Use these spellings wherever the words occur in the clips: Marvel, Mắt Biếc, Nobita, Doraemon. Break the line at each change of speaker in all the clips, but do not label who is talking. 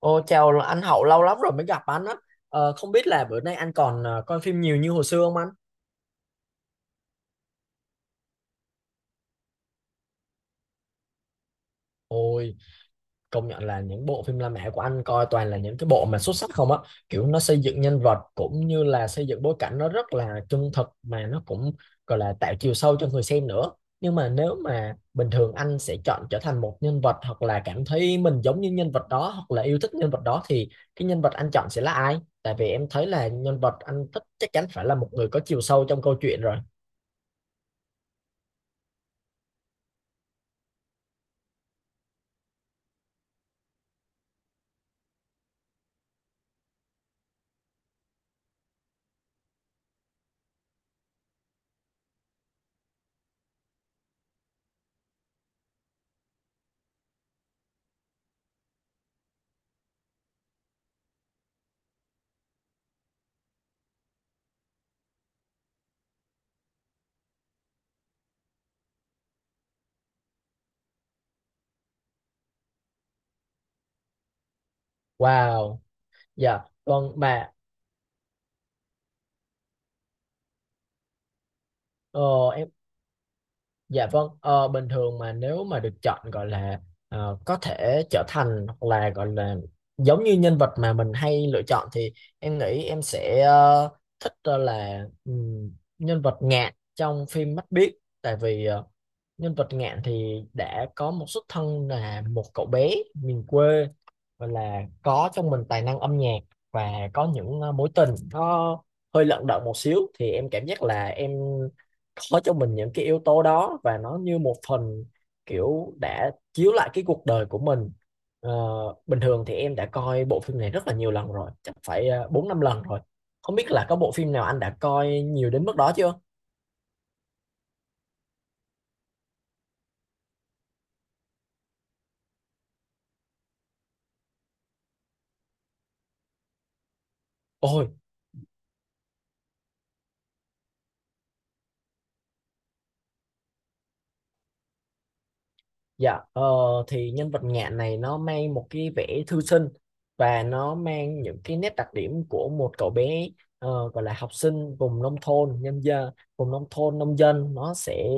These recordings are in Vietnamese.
Ô, chào anh Hậu lâu lắm rồi mới gặp anh á. Không biết là bữa nay anh còn coi phim nhiều như hồi xưa không anh? Ôi, công nhận là những bộ phim La Mã của anh coi toàn là những cái bộ mà xuất sắc không á. Kiểu nó xây dựng nhân vật cũng như là xây dựng bối cảnh nó rất là chân thực mà nó cũng gọi là tạo chiều sâu cho người xem nữa. Nhưng mà nếu mà bình thường anh sẽ chọn trở thành một nhân vật, hoặc là cảm thấy mình giống như nhân vật đó, hoặc là yêu thích nhân vật đó, thì cái nhân vật anh chọn sẽ là ai? Tại vì em thấy là nhân vật anh thích chắc chắn phải là một người có chiều sâu trong câu chuyện rồi. Wow. Dạ, vâng mà ờ, dạ vâng. Ờ, Bình thường mà nếu mà được chọn, gọi là có thể trở thành hoặc là gọi là giống như nhân vật mà mình hay lựa chọn, thì em nghĩ em sẽ thích ờ, là nhân vật Ngạn trong phim Mắt Biếc. Tại vì nhân vật Ngạn thì đã có một xuất thân là một cậu bé miền quê, và là có trong mình tài năng âm nhạc, và có những mối tình nó hơi lận đận một xíu, thì em cảm giác là em có cho mình những cái yếu tố đó, và nó như một phần kiểu đã chiếu lại cái cuộc đời của mình. Ờ, Bình thường thì em đã coi bộ phim này rất là nhiều lần rồi, chắc phải bốn năm lần rồi. Không biết là có bộ phim nào anh đã coi nhiều đến mức đó chưa? Ôi. Dạ, thì nhân vật Ngạn này nó mang một cái vẻ thư sinh, và nó mang những cái nét đặc điểm của một cậu bé gọi là học sinh vùng nông thôn, nhân dân, vùng nông thôn, nông dân. Nó sẽ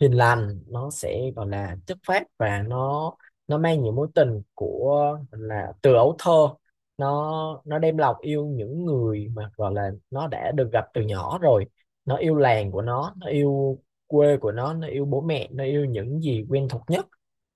hiền lành, nó sẽ gọi là chất phác, và nó mang những mối tình của, gọi là từ ấu thơ, nó đem lòng yêu những người mà gọi là nó đã được gặp từ nhỏ rồi. Nó yêu làng của nó yêu quê của nó yêu bố mẹ, nó yêu những gì quen thuộc nhất.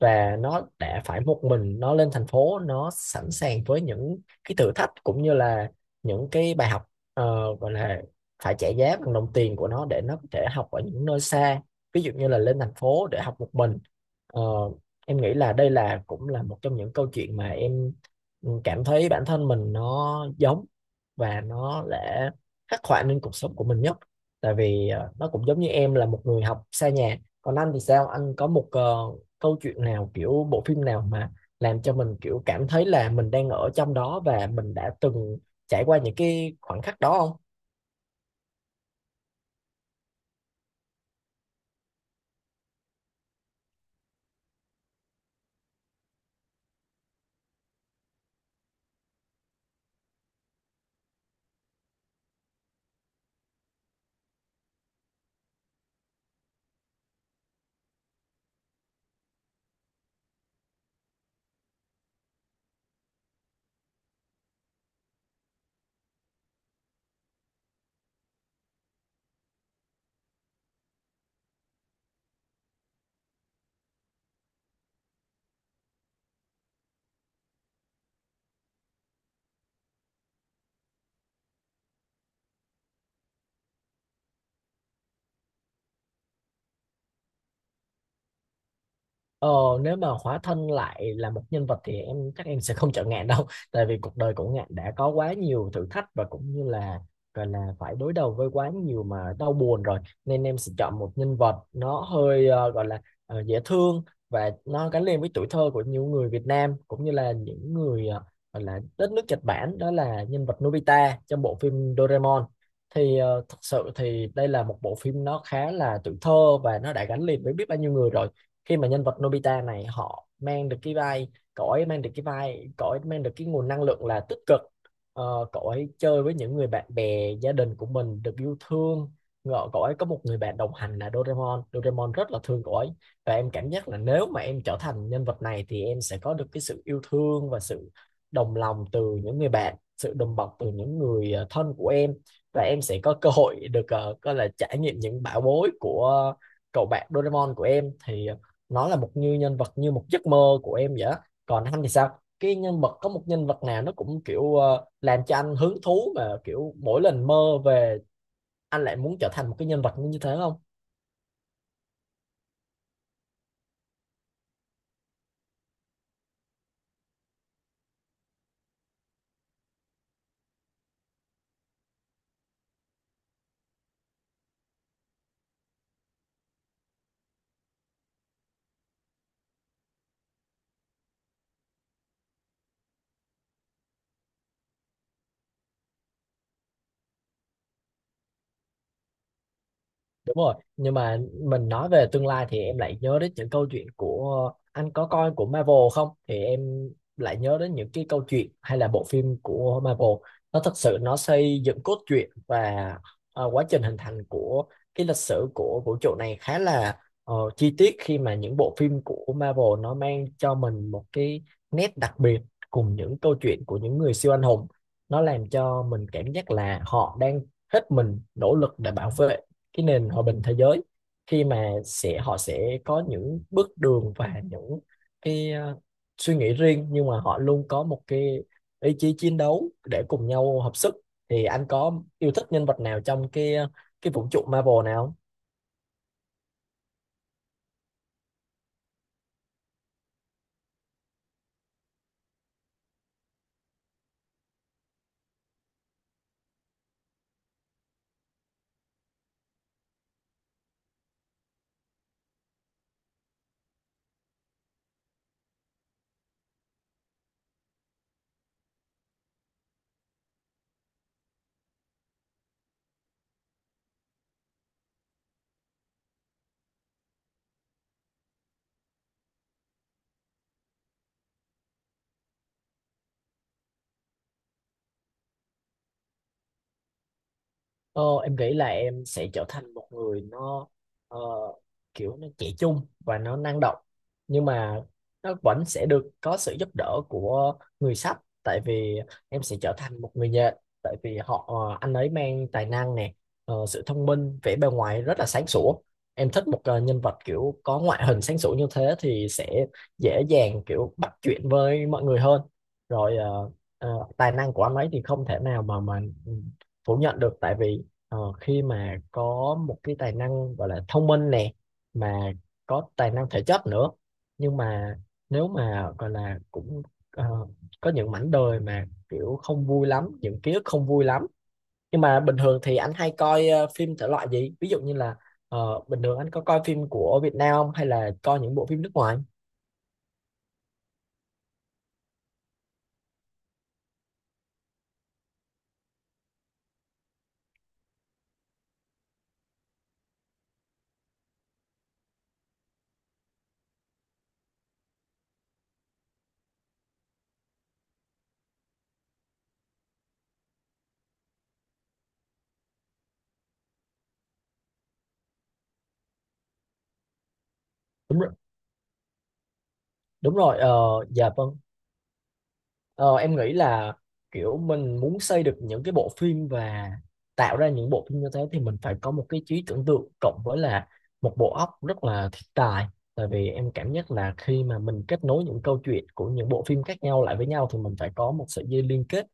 Và nó đã phải một mình nó lên thành phố, nó sẵn sàng với những cái thử thách cũng như là những cái bài học, gọi là phải trả giá bằng đồng tiền của nó để nó có thể học ở những nơi xa, ví dụ như là lên thành phố để học một mình. Ờ, em nghĩ là đây là cũng là một trong những câu chuyện mà em cảm thấy bản thân mình nó giống, và nó đã khắc họa nên cuộc sống của mình nhất. Tại vì nó cũng giống như em là một người học xa nhà. Còn anh thì sao, anh có một câu chuyện nào, kiểu bộ phim nào mà làm cho mình kiểu cảm thấy là mình đang ở trong đó và mình đã từng trải qua những cái khoảnh khắc đó không? Ờ, nếu mà hóa thân lại là một nhân vật thì em chắc em sẽ không chọn Ngạn đâu tại vì cuộc đời của Ngạn đã có quá nhiều thử thách, và cũng như là gọi là phải đối đầu với quá nhiều mà đau buồn rồi. Nên em sẽ chọn một nhân vật nó hơi dễ thương, và nó gắn liền với tuổi thơ của nhiều người Việt Nam cũng như là những người gọi là đất nước Nhật Bản, đó là nhân vật Nobita trong bộ phim Doraemon. Thì thật sự thì đây là một bộ phim nó khá là tuổi thơ và nó đã gắn liền với biết bao nhiêu người rồi. Khi mà nhân vật Nobita này họ mang được cái vai, cậu ấy mang được cái vai, cậu ấy mang được cái nguồn năng lượng là tích cực. Ờ, cậu ấy chơi với những người bạn bè gia đình của mình, được yêu thương. Ngờ cậu ấy có một người bạn đồng hành là Doraemon. Doraemon rất là thương cậu ấy, và em cảm giác là nếu mà em trở thành nhân vật này thì em sẽ có được cái sự yêu thương và sự đồng lòng từ những người bạn, sự đùm bọc từ những người thân của em. Và em sẽ có cơ hội được gọi là trải nghiệm những bão bối của cậu bạn Doraemon của em. Thì nó là một như nhân vật, như một giấc mơ của em vậy á. Còn anh thì sao, cái nhân vật, có một nhân vật nào nó cũng kiểu làm cho anh hứng thú mà kiểu mỗi lần mơ về anh lại muốn trở thành một cái nhân vật như thế không? Đúng rồi, nhưng mà mình nói về tương lai thì em lại nhớ đến những câu chuyện của, anh có coi của Marvel không? Thì em lại nhớ đến những cái câu chuyện hay là bộ phim của Marvel. Nó thật sự nó xây dựng cốt truyện và quá trình hình thành của cái lịch sử của vũ trụ này khá là chi tiết. Khi mà những bộ phim của Marvel nó mang cho mình một cái nét đặc biệt cùng những câu chuyện của những người siêu anh hùng. Nó làm cho mình cảm giác là họ đang hết mình nỗ lực để bảo vệ cái nền hòa bình thế giới. Khi mà sẽ họ sẽ có những bước đường và những cái suy nghĩ riêng, nhưng mà họ luôn có một cái ý chí chiến đấu để cùng nhau hợp sức. Thì anh có yêu thích nhân vật nào trong cái cái vũ trụ Marvel nào không? Ờ, em nghĩ là em sẽ trở thành một người nó ờ, kiểu nó trẻ trung và nó năng động, nhưng mà nó vẫn sẽ được có sự giúp đỡ của người sách. Tại vì em sẽ trở thành một người nhện. Tại vì họ, anh ấy mang tài năng nè, sự thông minh, vẻ bề ngoài rất là sáng sủa. Em thích một nhân vật kiểu có ngoại hình sáng sủa như thế thì sẽ dễ dàng kiểu bắt chuyện với mọi người hơn. Rồi tài năng của anh ấy thì không thể nào mà ừ, phủ nhận được. Tại vì ờ, khi mà có một cái tài năng gọi là thông minh nè, mà có tài năng thể chất nữa, nhưng mà nếu mà gọi là cũng ờ, có những mảnh đời mà kiểu không vui lắm, những ký ức không vui lắm. Nhưng mà bình thường thì anh hay coi phim thể loại gì, ví dụ như là bình thường anh có coi phim của Việt Nam không, hay là coi những bộ phim nước ngoài? Đúng rồi. Đúng rồi. Ờ, dạ vâng. Ờ, em nghĩ là kiểu mình muốn xây được những cái bộ phim và tạo ra những bộ phim như thế thì mình phải có một cái trí tưởng tượng cộng với là một bộ óc rất là thiên tài. Tại vì em cảm nhận là khi mà mình kết nối những câu chuyện của những bộ phim khác nhau lại với nhau thì mình phải có một sợi dây liên kết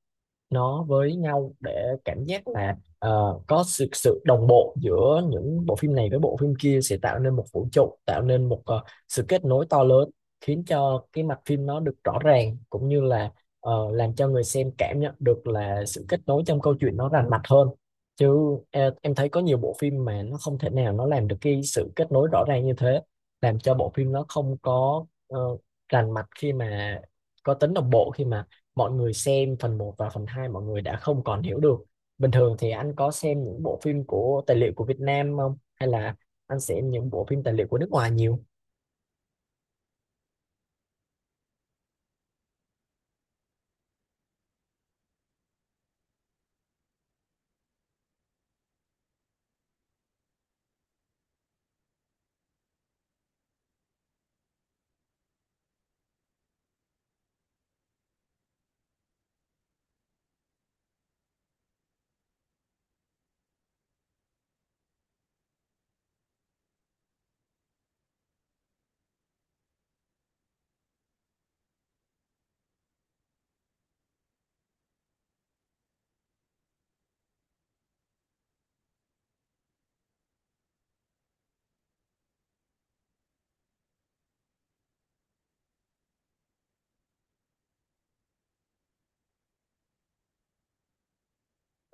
nó với nhau, để cảm giác là có sự sự đồng bộ giữa những bộ phim này với bộ phim kia, sẽ tạo nên một vũ trụ, tạo nên một sự kết nối to lớn, khiến cho cái mạch phim nó được rõ ràng, cũng như là làm cho người xem cảm nhận được là sự kết nối trong câu chuyện nó rành mạch hơn. Chứ em thấy có nhiều bộ phim mà nó không thể nào nó làm được cái sự kết nối rõ ràng như thế, làm cho bộ phim nó không có rành mạch, khi mà có tính đồng bộ, khi mà mọi người xem phần một và phần 2 mọi người đã không còn hiểu được. Bình thường thì anh có xem những bộ phim của tài liệu của Việt Nam không? Hay là anh xem những bộ phim tài liệu của nước ngoài nhiều?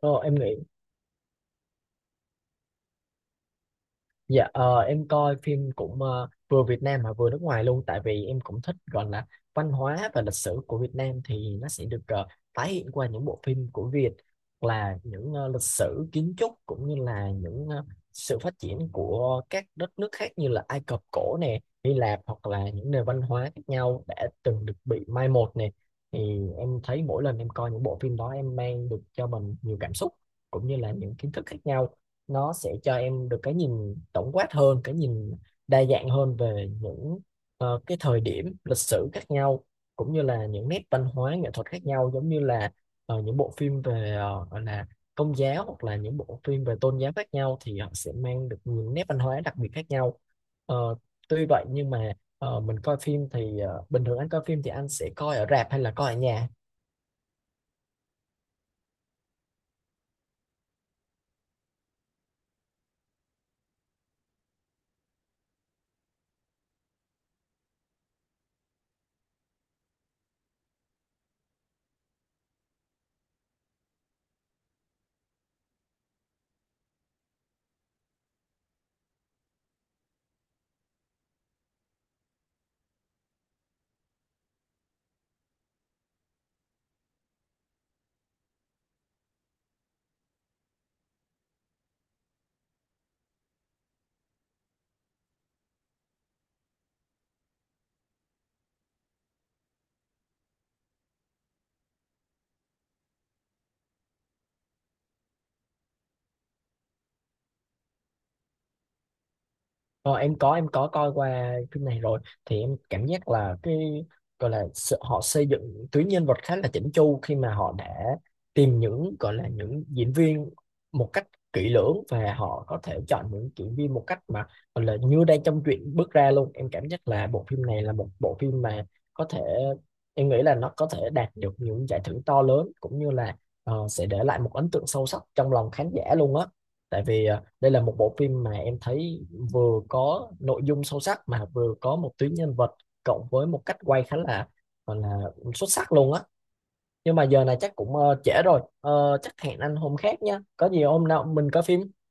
Ờ, em nghĩ. Dạ, em coi phim cũng vừa Việt Nam mà vừa nước ngoài luôn. Tại vì em cũng thích gọi là văn hóa và lịch sử của Việt Nam, thì nó sẽ được tái hiện qua những bộ phim của Việt, hoặc là những lịch sử kiến trúc, cũng như là những sự phát triển của các đất nước khác, như là Ai Cập cổ nè, Hy Lạp, hoặc là những nền văn hóa khác nhau đã từng được bị mai một nè. Thì em thấy mỗi lần em coi những bộ phim đó em mang được cho mình nhiều cảm xúc, cũng như là những kiến thức khác nhau. Nó sẽ cho em được cái nhìn tổng quát hơn, cái nhìn đa dạng hơn về những cái thời điểm lịch sử khác nhau, cũng như là những nét văn hóa nghệ thuật khác nhau, giống như là những bộ phim về gọi là công giáo, hoặc là những bộ phim về tôn giáo khác nhau, thì họ sẽ mang được những nét văn hóa đặc biệt khác nhau. Ờ, tuy vậy nhưng mà mình coi phim thì bình thường anh coi phim thì anh sẽ coi ở rạp hay là coi ở nhà? Ờ, em có, em có coi qua phim này rồi. Thì em cảm giác là cái gọi là sự, họ xây dựng tuyến nhân vật khá là chỉnh chu, khi mà họ đã tìm những, gọi là những diễn viên một cách kỹ lưỡng, và họ có thể chọn những diễn viên một cách mà gọi là như đang trong truyện bước ra luôn. Em cảm giác là bộ phim này là một bộ phim mà có thể, em nghĩ là nó có thể đạt được những giải thưởng to lớn, cũng như là sẽ để lại một ấn tượng sâu sắc trong lòng khán giả luôn á. Tại vì đây là một bộ phim mà em thấy vừa có nội dung sâu sắc, mà vừa có một tuyến nhân vật cộng với một cách quay khá là gọi là xuất sắc luôn á. Nhưng mà giờ này chắc cũng trễ rồi. Ờ, chắc hẹn anh hôm khác nha, có gì hôm nào mình coi phim.